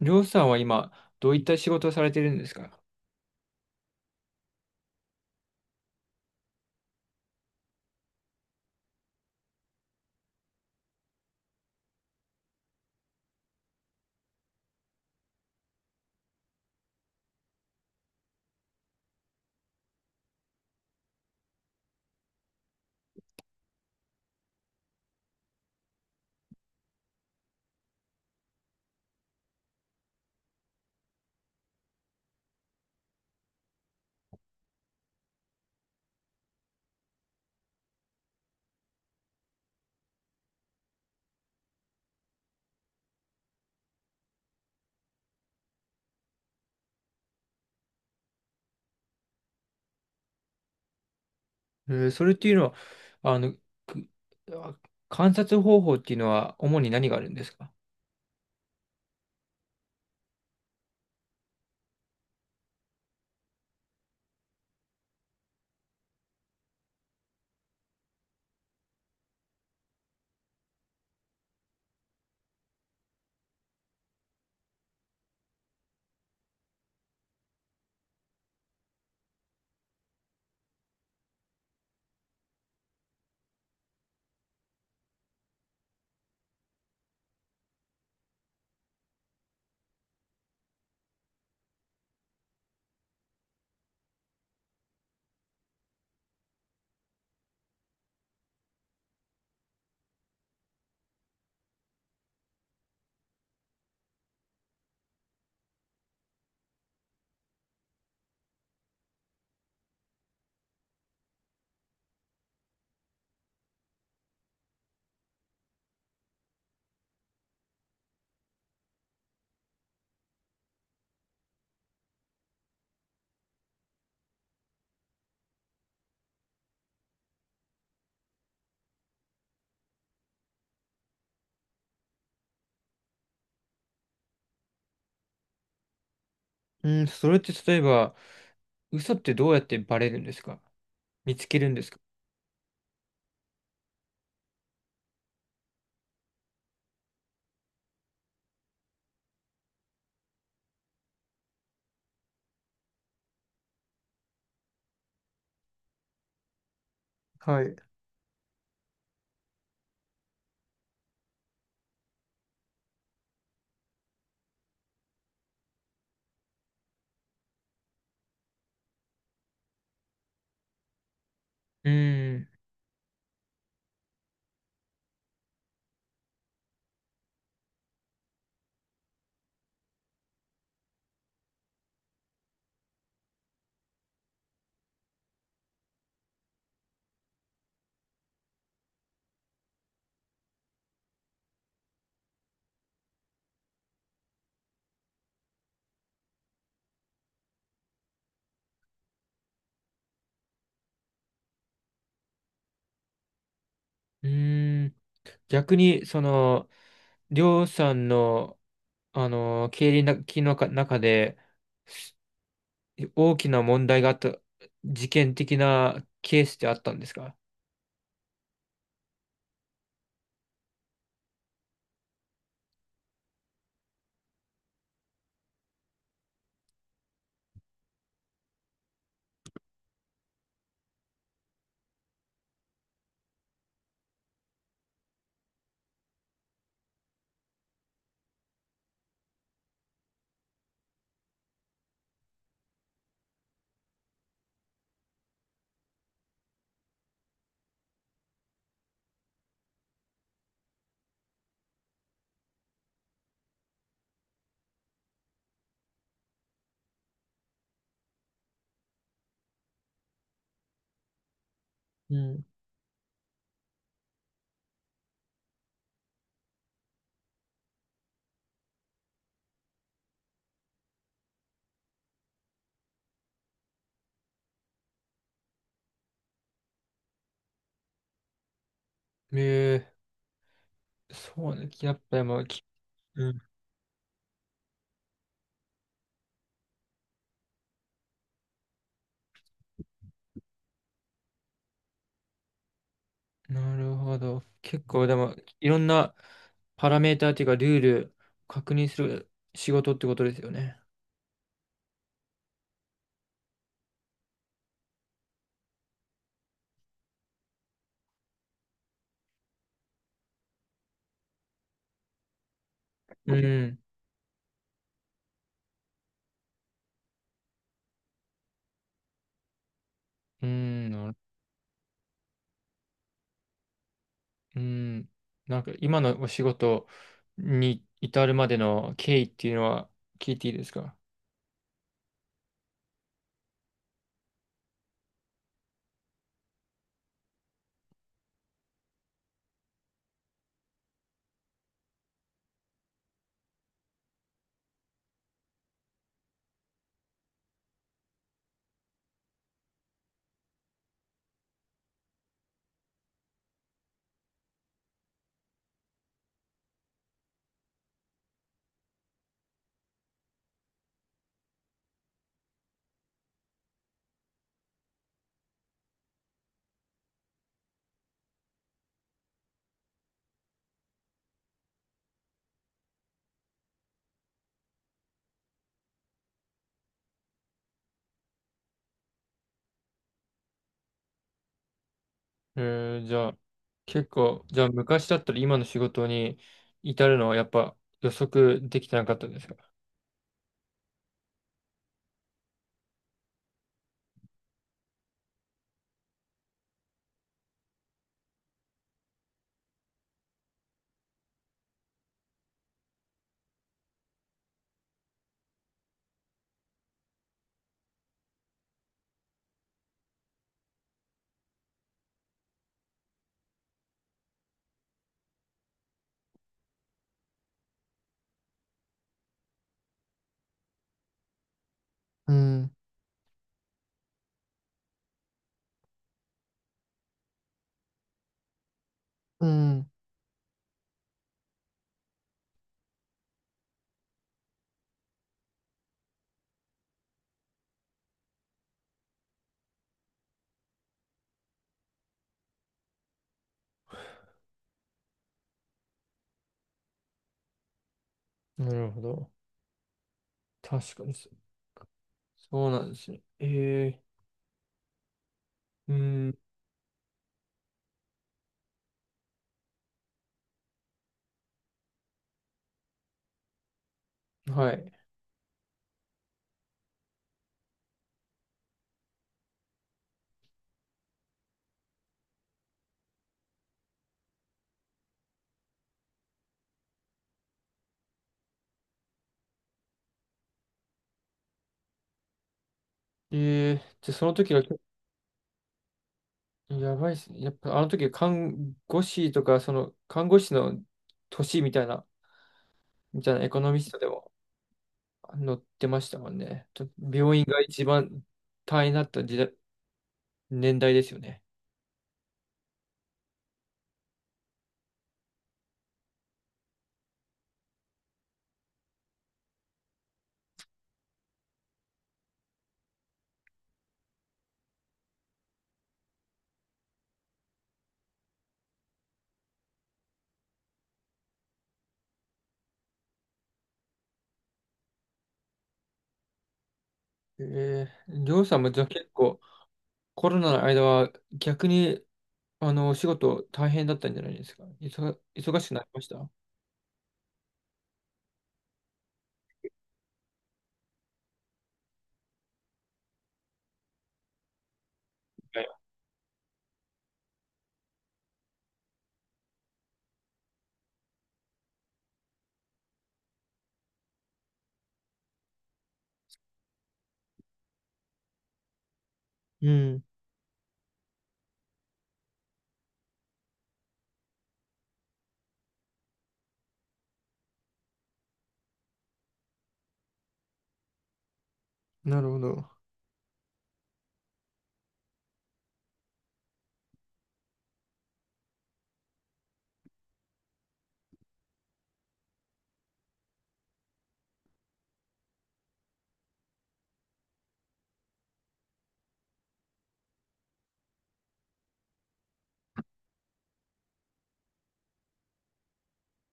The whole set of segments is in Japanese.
りょうさんは今、どういった仕事をされてるんですか？それっていうのは、あの、くあ観察方法っていうのは主に何があるんですか？うん、それって例えば、嘘ってどうやってバレるんですか？見つけるんですか？はい。うーん。うーん。逆に、その、りょうさんの、経理のきのか中で、す大きな問題があった、事件的なケースってあったんですか？うん。えー、そうね。やっぱりもう。うん。なるほど。結構でも、いろんなパラメーターっていうか、ルール確認する仕事ってことですよね。うん。うん。なる。うん。なんか今のお仕事に至るまでの経緯っていうのは聞いていいですか？えー、じゃあ、結構、じゃあ昔だったら今の仕事に至るのはやっぱ予測できてなかったですか？うん。うん。なるほど。確かにそそうなんですね。えー、うん。はい。えー、じゃあその時が、やばいですね。やっぱあの時看護師とか、その看護師の年みたいな、みたいなエコノミストでも載ってましたもんね。と病院が一番大変だった時代、年代ですよね。えー、りょうさんもじゃあ結構コロナの間は逆にあのお仕事大変だったんじゃないですか。忙しくなりましたは。いうん、なるほど。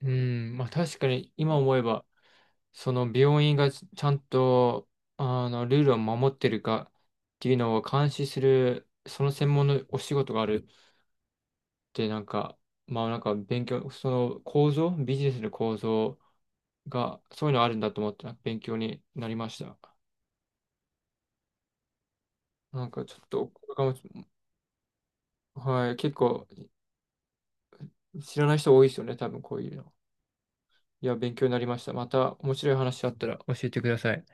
うん、まあ確かに今思えばその病院がちゃんと、あの、ルールを守ってるかっていうのを監視する、その専門のお仕事があるって、なんか、まあ、なんか勉強、その構造、ビジネスの構造が、そういうのあるんだと思って勉強になりました。なんかちょっと、これかも。はい、結構知らない人多いですよね、多分こういうの。いや、勉強になりました。また面白い話あったら教えてください。